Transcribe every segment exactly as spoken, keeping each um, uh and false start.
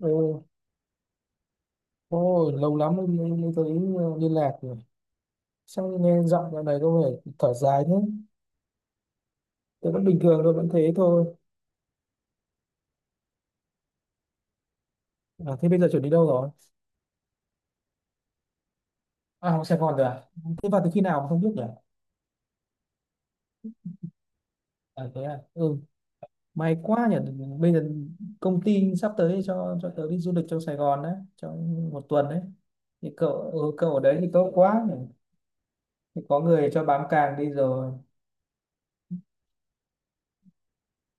Ừ. Ôi, lâu lắm mới, mới, mới thấy ờ, liên lạc rồi. Sao nghe giọng dạo này có vẻ thở dài thế? Tôi vẫn bình thường thôi, vẫn thế thôi. À, thế bây giờ chuẩn đi đâu rồi? À, học Sài Gòn rồi à? Thế vào từ khi nào mà không biết nhỉ? À, thế à? Ừ, may quá nhỉ. Bây giờ công ty sắp tới cho cho tớ đi du lịch trong Sài Gòn đấy, trong một tuần đấy. Thì cậu, ừ, cậu ở đấy thì tốt quá nhỉ. Thì có người cho bám càng đi rồi.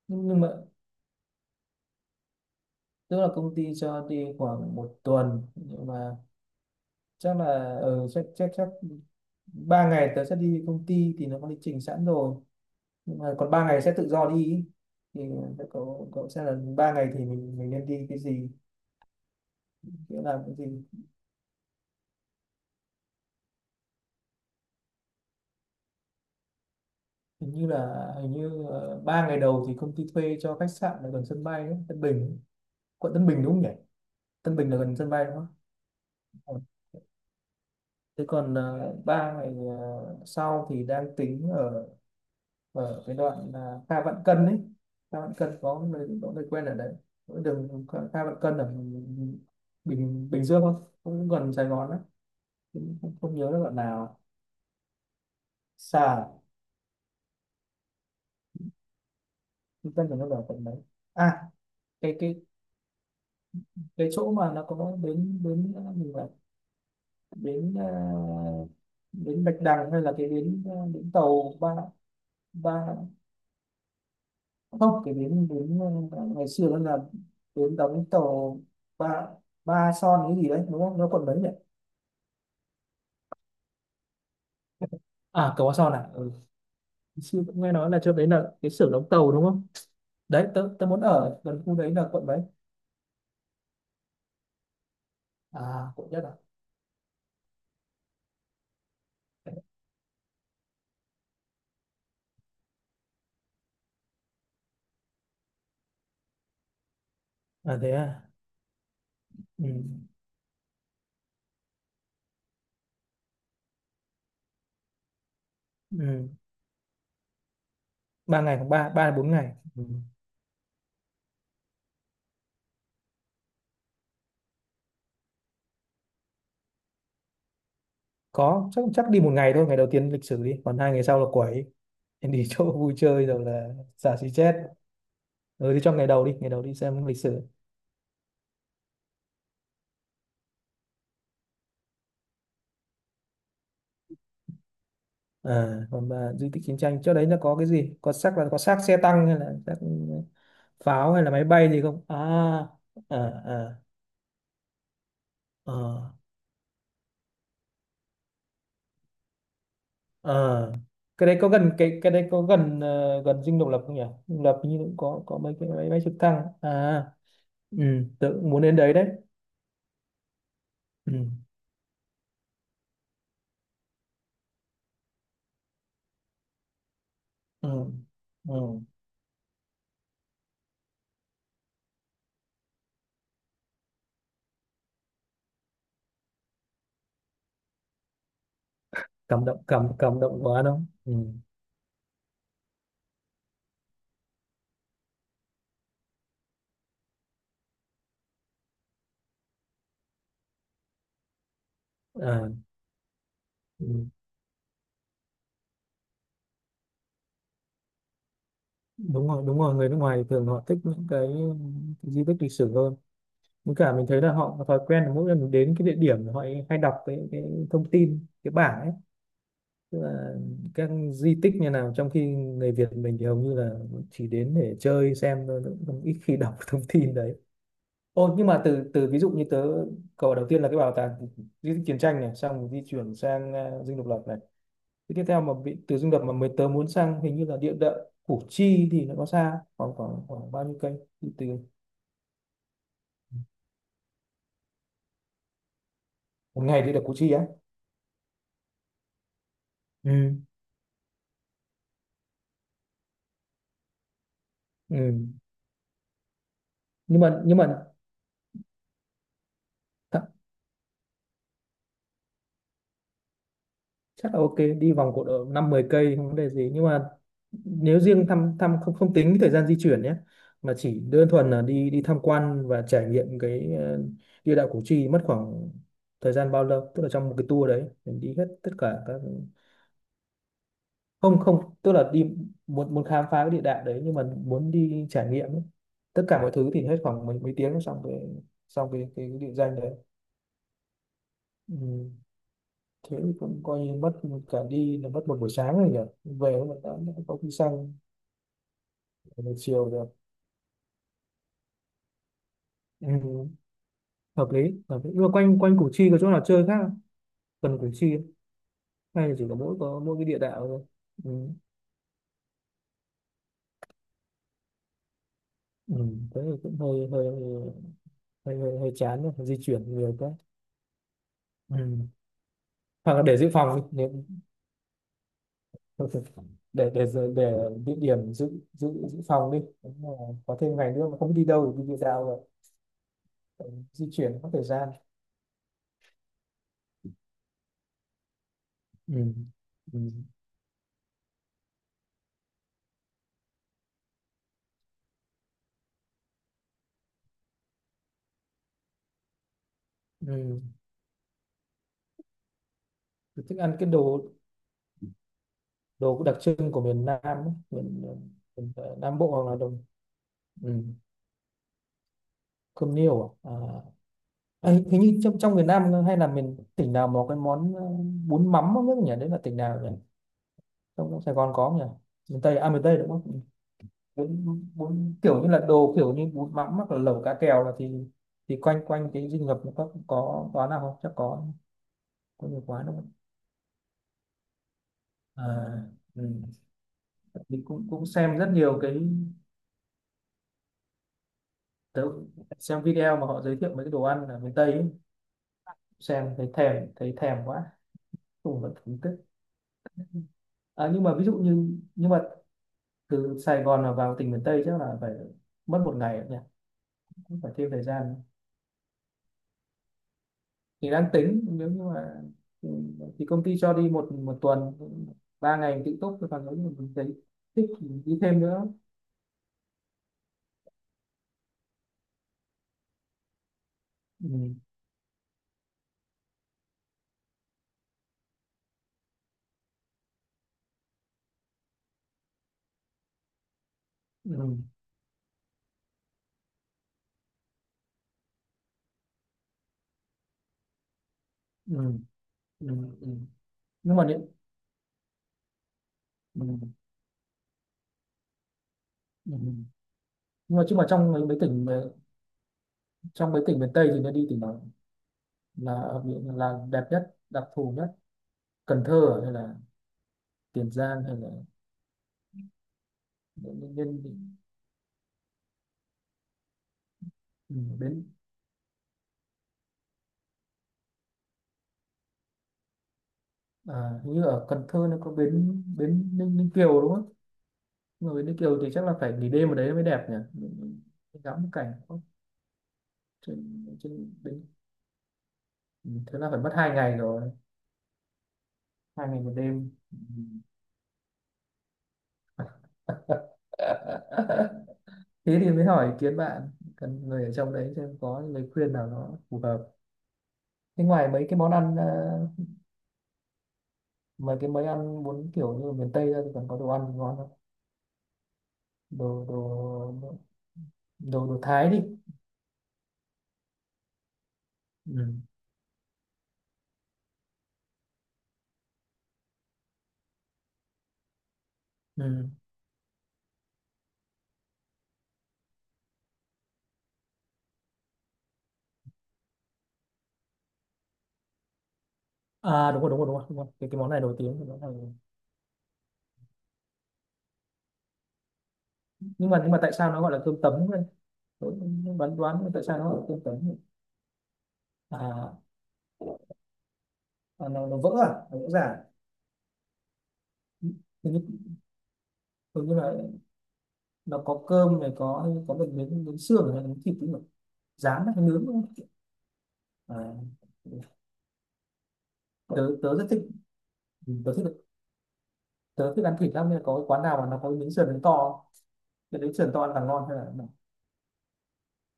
Nhưng nhưng mà, tức là công ty cho đi khoảng một tuần. Nhưng mà chắc là ừ, chắc chắc chắc ba ngày tớ sẽ đi công ty thì nó có lịch trình sẵn rồi nhưng mà còn ba ngày sẽ tự do đi ý. Thì cậu cậu sẽ là ba ngày thì mình mình nên đi cái gì, nghĩa là cái gì. Hình như là hình như ờ, ba ngày đầu thì công ty thuê cho khách sạn ở gần sân bay ấy, Tân Bình ấy. Quận Tân Bình đúng không nhỉ? Tân Bình là gần sân bay đúng không? Ừ. Thế còn ờ, ba ngày ờ, sau thì đang tính ở, ở cái đoạn là Kha Vạn Cân đấy, Kha Vạn Cân có nơi, có nơi quen ở đấy. Có đường Kha Kha Vạn Cân ở Bình Bình Dương không, cũng gần Sài Gòn đấy. Cũng không, không nhớ là đoạn nào. Xa à? Trung tâm của nó là quận đấy. À, cái cái cái chỗ mà nó có bến, bến mình bảo vậy, bến ờ, bến Bạch Đằng hay là cái bến ờ, bến tàu ba, ba, không, cái bến bến ờ, ngày xưa nó là bến đóng tàu, ba, ba Son cái gì đấy đúng không, nó còn mấy nhỉ? À, cầu qua Son à. Ừ. Sư cũng nghe nói là chỗ đấy là cái xưởng đóng tàu đúng không? Đấy tớ, tớ muốn ở gần khu đấy là quận mấy? À, quận nhất à? À thế à? Ừ. Ừ. Ba ngày hoặc ba, ba đến bốn ngày. Ừ. Có, chắc chắc đi một ngày thôi, ngày đầu tiên lịch sử đi, còn hai ngày sau là quẩy, em đi chỗ vui chơi rồi là xả xì chết. Ừ, thì trong ngày đầu đi, ngày đầu đi xem lịch sử. À, còn mà di tích chiến tranh chỗ đấy nó có cái gì, có xác, là có xác xe tăng hay là xác pháo hay là máy bay gì không à? À. À, à. Ờ, cái đấy có gần cái cái đấy có gần ờ, gần dinh độc lập không nhỉ? Dinh độc lập như cũng có có mấy cái máy bay trực thăng. À, ừ, tự muốn đến đấy đấy. Ừ, ừ, ừ. Cảm động, cảm cảm động quá đâu. Ừ. À, ừ. Đúng rồi, đúng rồi, người nước ngoài thường họ thích những cái di tích lịch sử hơn. Với cả mình thấy là họ có thói quen là mỗi lần mình đến cái địa điểm là họ hay đọc cái cái thông tin cái bảng ấy, tức là các di tích như nào, trong khi người Việt mình thì hầu như là chỉ đến để chơi xem thôi, cũng không- ít khi đọc thông tin đấy. Ô, nhưng mà từ từ, ví dụ như tớ, cầu đầu tiên là cái bảo tàng di tích chiến tranh này, xong rồi di chuyển sang à, Dinh Độc Lập này. Thế tiếp theo mà bị từ Dinh Độc Lập mà mới tớ muốn sang hình như là địa đạo Củ Chi thì nó có xa khoảng khoảng khoảng bao nhiêu cây? Từ từ- một ngày đi được Củ Chi á. Ừ. Ừ. Nhưng mà, nhưng mà th- chắc là ok, đi vòng cột độ năm mười cây không vấn đề gì, nhưng mà nếu riêng thăm thăm không, không tính cái thời gian di chuyển nhé, mà chỉ đơn thuần là đi đi tham quan và trải nghiệm cái ờ, địa đạo Củ Chi mất khoảng thời gian bao lâu, tức là trong một cái tour đấy mình đi hết tất cả các, không không, tức là đi, muốn muốn khám phá cái địa đạo đấy nhưng mà muốn đi trải nghiệm ấy. Tất cả mọi thứ thì hết khoảng mấy mấy tiếng xong cái, xong cái cái, cái địa danh đấy. Ừ. Thế cũng coi như mất, cả đi là mất một buổi sáng rồi nhỉ, về cũng đã đã có khi sang một chiều rồi. Ừ, hợp lý, hợp lý. Nhưng mà quanh quanh Củ Chi có chỗ nào chơi khác không? Gần Củ Chi không? Hay là chỉ có mỗi, có mỗi cái địa đạo thôi. Ừ. Ừ. Thế thì cũng hơi hơi, hơi hơi, hơi chán rồi, phải di chuyển nhiều quá. Ừ. Hoặc là để dự phòng đi nếu- để để dự- để địa điểm dự, dự dự phòng đi. Đúng là có thêm ngày nữa mà không biết đi đâu thì đi địa đạo rồi. Ừ, di chuyển mất thời gian. Ừ. Ừ. Ừ. Tôi thích ăn cái đồ, đồ đặc trưng của miền Nam ấy, miền, miền ờ, Nam Bộ hoặc là đồ, ừ, cơm niêu à. À ấy, hình như trong, trong miền Nam hay là miền tỉnh nào mà có cái món ờ, bún mắm không biết nhỉ, đấy là tỉnh nào nhỉ? Trong, trong Sài Gòn có không nhỉ? Miền Tây à, miền Tây đúng không? Ừ. Bún, bún kiểu như là đồ, kiểu như bún mắm hoặc là lẩu cá kèo, là thì thì quanh quanh cái dinh Ngập nó có có quán nào không, chắc có có nhiều quán đúng không? À, ừ. Mình cũng cũng xem rất nhiều cái, tớ xem video mà họ giới thiệu mấy cái đồ ăn ở miền Tây ấy, xem thấy thèm, thấy thèm quá, cùng vẫn thưởng thức. À, nhưng mà ví dụ như, nhưng mà từ Sài Gòn mà vào tỉnh miền Tây chắc là phải mất một ngày nhỉ, cũng phải thêm thời gian. Thì đang tính nếu như mà, ừ, thì công ty cho đi một một tuần, ba ngày tự túc, còn nếu như mình thấy thích thì đi thêm nữa. Ừ, ừ, ừ, ừ, ừ. Nhưng mà nếu, ừ, ừ. Ừ. Nhưng mà chứ mà trong mấy mấy tỉnh, trong mấy tỉnh miền Tây thì nên đi tỉnh nào, là ở biển là đẹp nhất, đặc thù nhất? Cần Thơ à, hay là Tiền Giang, hay là bến, bến, bến, bến à, hình như ở Cần Thơ nó có bến, bến Ninh, Ninh Kiều đúng không? Nhưng mà bến Ninh Kiều thì chắc là phải nghỉ đêm ở đấy mới đẹp nhỉ. Mình- ngắm cái cảnh có trên trên bến. Ừ, thế là phải mất hai ngày rồi, hai ngày một đêm. Ừ. Thế thì mới hỏi ý kiến bạn, cần người ở trong đấy xem có lời khuyên nào nó phù hợp. Thế ngoài mấy cái món ăn ờ, mấy cái, mấy ăn muốn kiểu như ở miền Tây ra thì còn có đồ ăn thì ngon lắm. Đồ, đồ đồ đồ Thái đi. Ừ. Ừ. À đúng rồi, đúng rồi, đúng rồi, đúng rồi. Cái, cái món này nổi tiếng cái món này. Nhưng mà, nhưng mà tại sao nó gọi là cơm tấm đây? Tôi cũng đoán đoán tại sao nó gọi là cơm tấm nhỉ? À, à nó, nó vỡ à, nó vỡ ra à? Hình như, hình như là nó có cơm này, có có một miếng, miếng xương hay miếng thịt nữa, rán hay nướng đúng không? À, tớ tớ rất thích, tớ thích, tớ thích ăn thịt lắm nên là có cái quán nào mà nó có miếng sườn to, cái đấy sườn to ăn càng ngon hay là nào?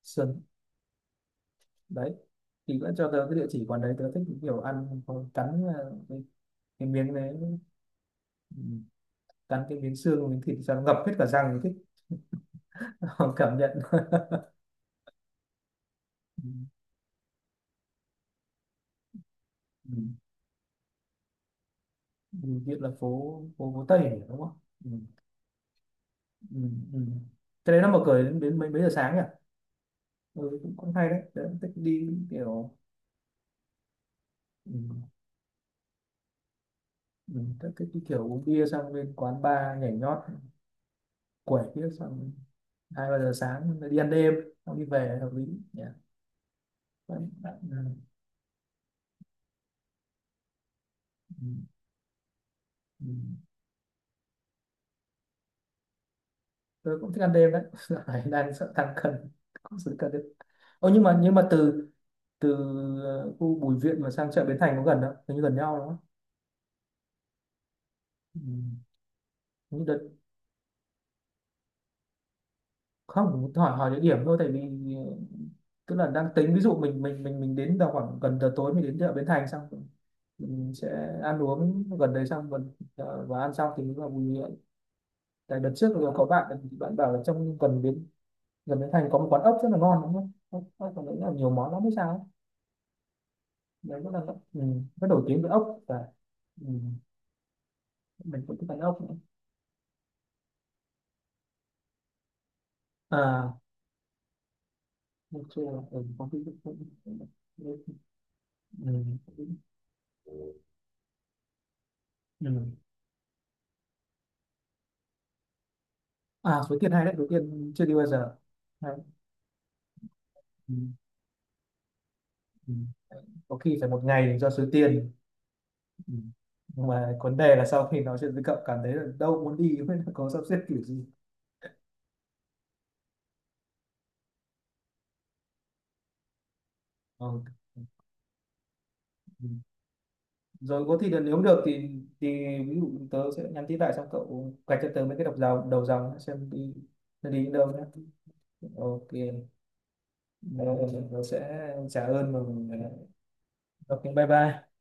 Sườn đấy thì vẫn cho tớ cái địa chỉ quán đấy, tớ thích kiểu ăn có cắn ờ, cái, cái miếng đấy, ừ, cắn cái miếng xương, miếng thịt cho nó ngập hết cả răng thì thích. Cảm nhận ừ. Ừ. Ừ, Hiện là phố, phố, phố Tây nhỉ, đúng không? Ừ. Ừ. Ừ. Cái đấy nó mở cửa đến, đến mấy mấy giờ sáng nhỉ? Ừ, cũng cũng hay đấy, tớ cũng thích đi kiểu, ừ. Ừ. Tớ thích đi kiểu uống bia sang bên quán bar nhảy nhót, quẩy bia sang hai ba giờ sáng, đi ăn đêm xong đi về hợp lý nhỉ. Ừ, ừ, ừ. Tôi cũng thích ăn đêm đấy. Dạo này đang sợ tăng cân, cũng sự cân đấy. Ô, nhưng mà, nhưng mà từ, từ ờ, khu Bùi Viện mà sang chợ Bến Thành có gần không, hình như gần nhau đúng không? Ừ. Những đợt không, hỏi, hỏi địa điểm thôi, tại vì ờ, tức là đang tính ví dụ mình mình mình mình đến vào khoảng gần giờ tối, mình đến chợ Bến Thành, xong ừ, mình sẽ ăn uống gần đấy, xong gần ờ, và ăn xong thì vào Bùi Viện. Tại đợt trước rồi có bạn bạn bảo là trong gần bến, gần bến Thành có một quán ốc rất là ngon đúng không, ốc, còn nghĩ là nhiều món lắm hay sao ấy. Đấy rất là, ừ, rất nổi tiếng với ốc và, ừ, mình cũng thích ăn ốc nữa. À, mình chưa, ừ, có cái, ừ, ừ. Ừ. À, Suối Tiên hay đấy, Suối Tiên chưa đi bao giờ, hay. Ừ, ừ. Có khi phải một ngày do Suối Tiên. Ừ. Nhưng mà vấn đề là sau khi nói chuyện với cậu cảm thấy là đâu muốn đi với có sắp xếp kiểu gì. Ờ. Ừ, ừ. Rồi có thì được, nếu được thì thì ví dụ tớ sẽ nhắn tin lại xong cậu gạch cho tớ mấy cái đọc dòng đầu dòng xem đi, nó đi đến đâu nhé. Ok. Ờ, tớ sẽ trả ơn và ok bye bye.